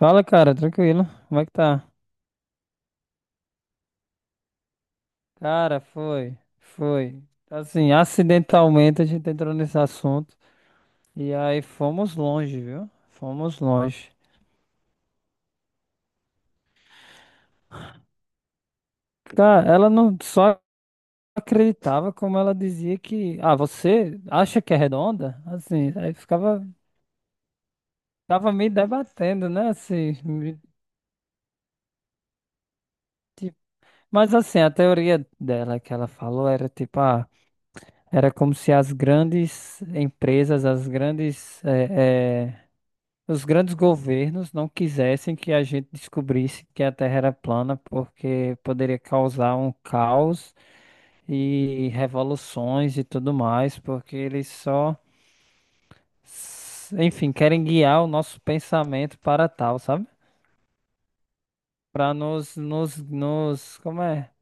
Fala, cara, tranquilo. Como é que tá? Cara, foi, foi. Assim, acidentalmente a gente entrou nesse assunto e aí fomos longe, viu? Fomos longe. Cara, ela não só acreditava como ela dizia que, ah, você acha que é redonda? Assim, aí ficava me debatendo, né? Assim, tipo- mas assim, a teoria dela que ela falou era tipo, ah, era como se as grandes empresas, as grandes os grandes governos não quisessem que a gente descobrisse que a Terra era plana, porque poderia causar um caos e revoluções e tudo mais, porque eles só, enfim, querem guiar o nosso pensamento para tal, sabe? Para nos, como é?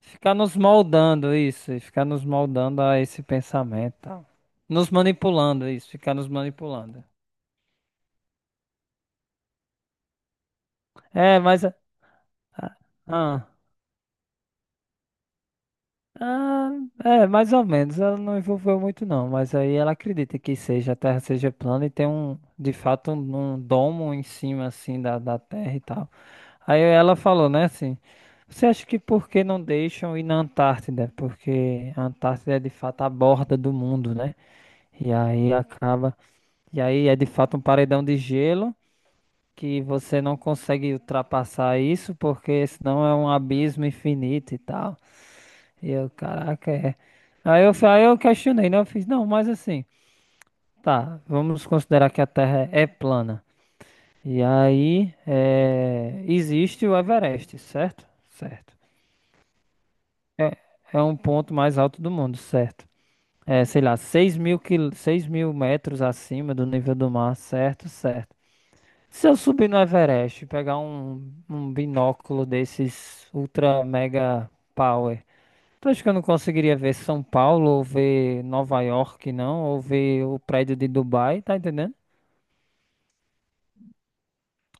Ficar nos moldando isso, e ficar nos moldando a esse pensamento, e tal. Nos manipulando isso, ficar nos manipulando. É, mas ah, ah. Ah, é, mais ou menos. Ela não envolveu muito, não. Mas aí ela acredita que seja, a Terra seja plana e tem um, de fato, um domo em cima, assim, da Terra e tal. Aí ela falou, né, assim, você acha que por que não deixam ir na Antártida? Porque a Antártida é, de fato, a borda do mundo, né? E aí acaba... E aí é, de fato, um paredão de gelo que você não consegue ultrapassar isso porque senão é um abismo infinito e tal. E eu, caraca, é. Aí eu questionei, né? Eu fiz, não, mas assim, tá, vamos considerar que a Terra é plana. E aí, é, existe o Everest, certo? Certo. É um ponto mais alto do mundo, certo? É, sei lá, 6.000 metros acima do nível do mar, certo? Certo. Se eu subir no Everest, e pegar um binóculo desses ultra mega power. Tu acha que eu não conseguiria ver São Paulo, ou ver Nova York, não? Ou ver o prédio de Dubai, tá entendendo?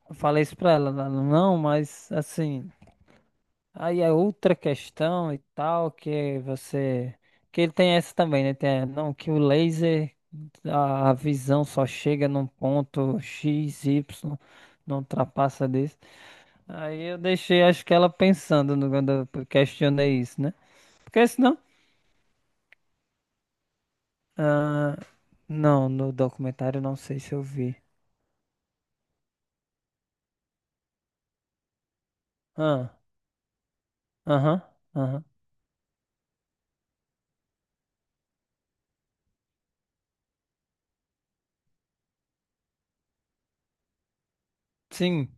Eu falei isso pra ela, ela, não, mas assim, aí é outra questão e tal, que você. Que ele tem essa também, né? Tem, não, que o laser, a visão só chega num ponto X, Y, não ultrapassa disso. Aí eu deixei, acho que ela pensando quando eu questionei isso, né? Porque senão. Ah, não, no documentário não sei se eu vi. Ah, aham, aham. Sim,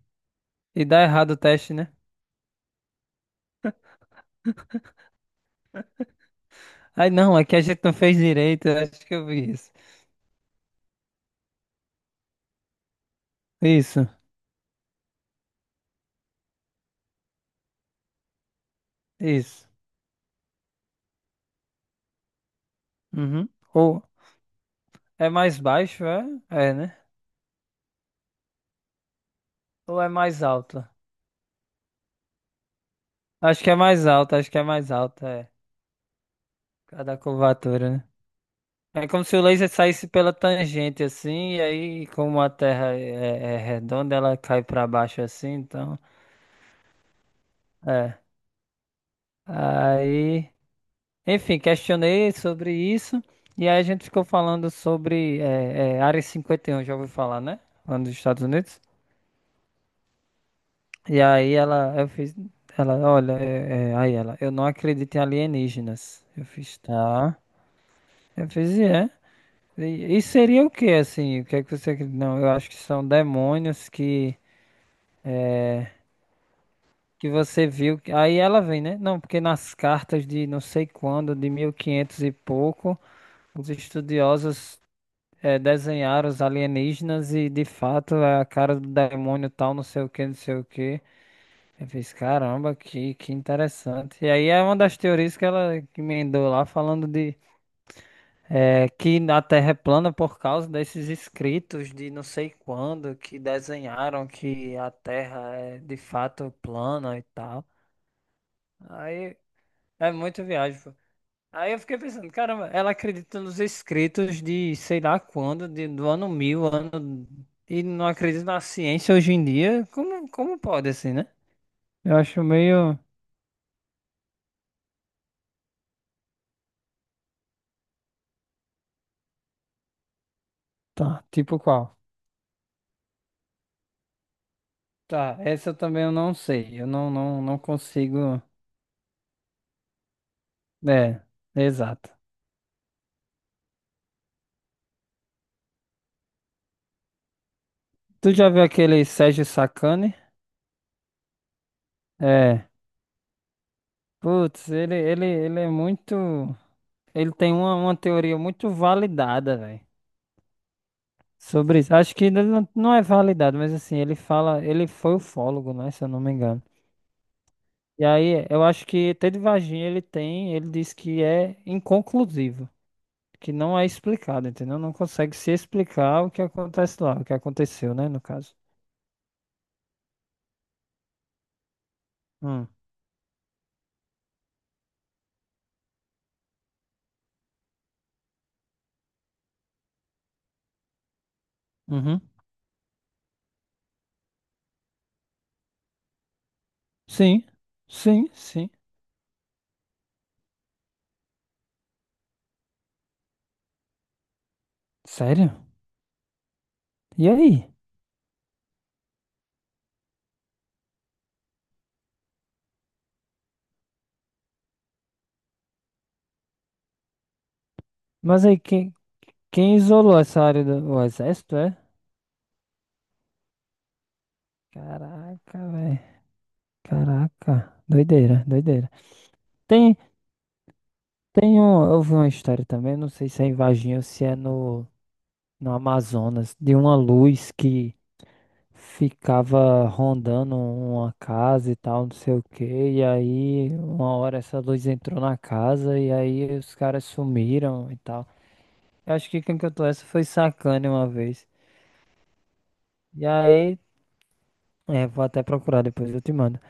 e dá errado o teste, né? Ai, não, é que a gente não fez direito, eu acho que eu vi isso. Isso, isso. Uhum. Ou é mais baixo, é? É, né? Ou é mais alto? Acho que é mais alto, acho que é mais alto, é. Cada curvatura, né? É como se o laser saísse pela tangente assim, e aí, como a Terra é redonda, ela cai pra baixo assim, então. É. Aí. Enfim, questionei sobre isso e aí a gente ficou falando sobre Área 51, já ouviu falar, né? Lá nos Estados Unidos. E aí ela, eu fiz, ela, olha, aí ela, eu não acredito em alienígenas. Eu fiz, tá. Eu fiz, e é. E seria o que, assim? O que é que você acredita? Não, eu acho que são demônios que você viu. Aí ela vem, né? Não, porque nas cartas de não sei quando, de 1500 e quinhentos e pouco, os estudiosos desenhar os alienígenas e de fato é a cara do demônio tal, não sei o que, não sei o que. Eu fiz, caramba, que interessante. E aí é uma das teorias que ela que emendou lá, falando de que a Terra é plana por causa desses escritos de não sei quando que desenharam que a Terra é de fato plana e tal. Aí é muito viagem. Aí eu fiquei pensando, caramba, ela acredita nos escritos de sei lá quando, do ano 1000, ano. E não acredita na ciência hoje em dia. Como pode assim, né? Eu acho meio. Tá, tipo qual? Tá, essa também eu não sei. Eu não consigo. É, exato. Tu já viu aquele Sérgio Sacani? É. Putz, ele é muito. Ele tem uma teoria muito validada, velho. Sobre isso. Acho que ele não é validado, mas assim, ele fala, ele foi ufólogo, né, se eu não me engano. E aí, eu acho que ET de Varginha ele tem, ele diz que é inconclusivo, que não é explicado, entendeu? Não consegue se explicar o que acontece lá, o que aconteceu, né, no caso. Hum. Uhum. Sim, sim, sim. Sério? E aí? Mas aí, quem isolou essa área do o exército, é? Caraca, velho. Caraca. Doideira, doideira. Tem, Tem um, eu vi uma história também, não sei se é em Varginha ou se é no Amazonas, de uma luz que ficava rondando uma casa e tal, não sei o quê, e aí uma hora essa luz entrou na casa e aí os caras sumiram e tal. Eu acho que quem cantou essa foi Sacane uma vez. E aí, é, vou até procurar depois, eu te mando.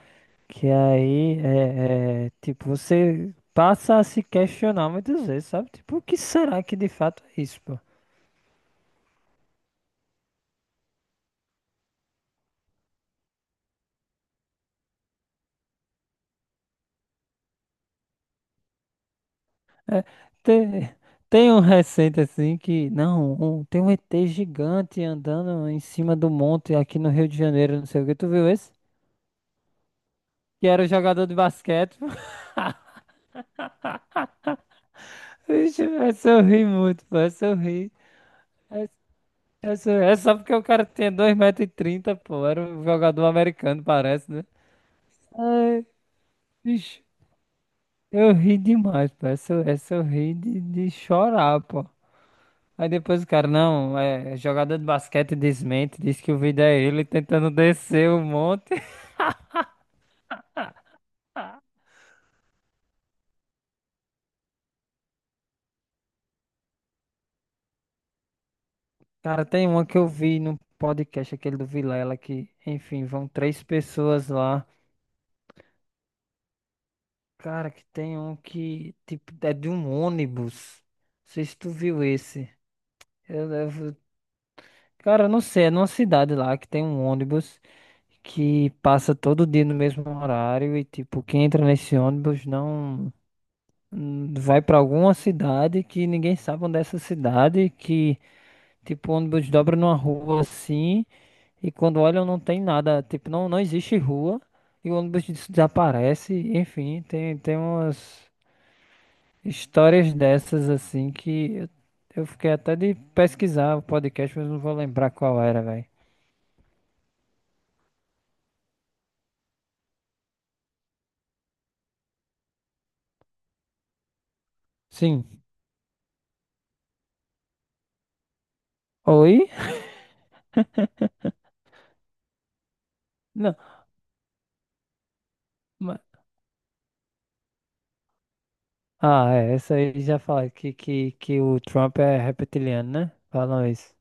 Que aí, tipo, você passa a se questionar muitas vezes, sabe? Tipo, o que será que de fato é isso, pô? É, tem, tem um recente assim que, não, tem um ET gigante andando em cima do monte aqui no Rio de Janeiro, não sei o que. Tu viu esse? Que era o jogador de basquete. Vixe, essa eu ri muito, pô, essa eu ri. Essa, é só porque o cara tinha 2,30 metros pô, era um jogador americano, parece, né? Ai, vixe, eu ri demais, pô, essa eu ri de chorar, pô. Aí depois o cara, não, é jogador de basquete desmente, diz que o vídeo é ele tentando descer o monte. Cara, tem uma que eu vi no podcast, aquele do Vilela, que, enfim, vão três pessoas lá. Cara, que tem um que, tipo, é de um ônibus. Não sei se tu viu esse. Eu, eu- cara, eu não sei, é numa cidade lá que tem um ônibus que passa todo dia no mesmo horário e, tipo, quem entra nesse ônibus não. Vai pra alguma cidade que ninguém sabe onde é essa cidade, que tipo o ônibus dobra numa rua assim e quando olham não tem nada, tipo não existe rua e o ônibus desaparece, enfim, tem umas histórias dessas assim que eu fiquei até de pesquisar o podcast, mas não vou lembrar qual era, velho. Sim. Oi? Não. ma- Ah, é, essa aí já fala que o Trump é reptiliano, né? Falam isso.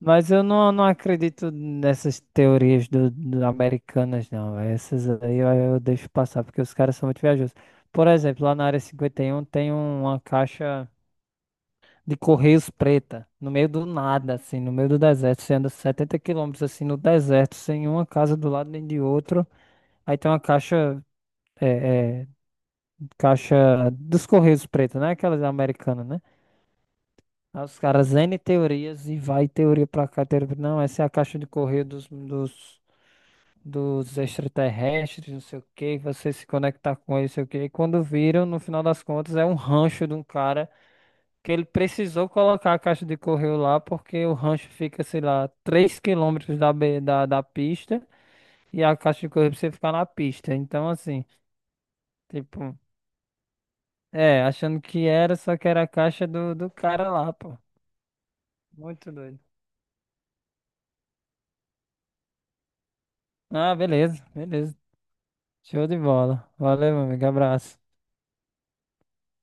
Mas eu não acredito nessas teorias do americanas, não. Essas aí eu deixo passar, porque os caras são muito viajosos. Por exemplo, lá na área 51 tem uma caixa de Correios preta, no meio do nada, assim, no meio do deserto. Você anda 70 quilômetros, assim, no deserto, sem uma casa do lado nem de outro. Aí tem uma caixa, é, é, caixa dos Correios preta, né? Aquelas americanas, né? Aí os caras N teorias e vai teoria pra cá, teoria pra... Não, essa é a caixa de correio dos extraterrestres, não sei o que, você se conectar com eles, não sei o que. E quando viram, no final das contas, é um rancho de um cara que ele precisou colocar a caixa de correio lá, porque o rancho fica, sei lá, 3 quilômetros da pista e a caixa de correio precisa ficar na pista. Então, assim, tipo, é, achando que era, só que era a caixa do cara lá, pô. Muito doido. Ah, beleza, beleza. Show de bola. Valeu, meu amigo. Abraço.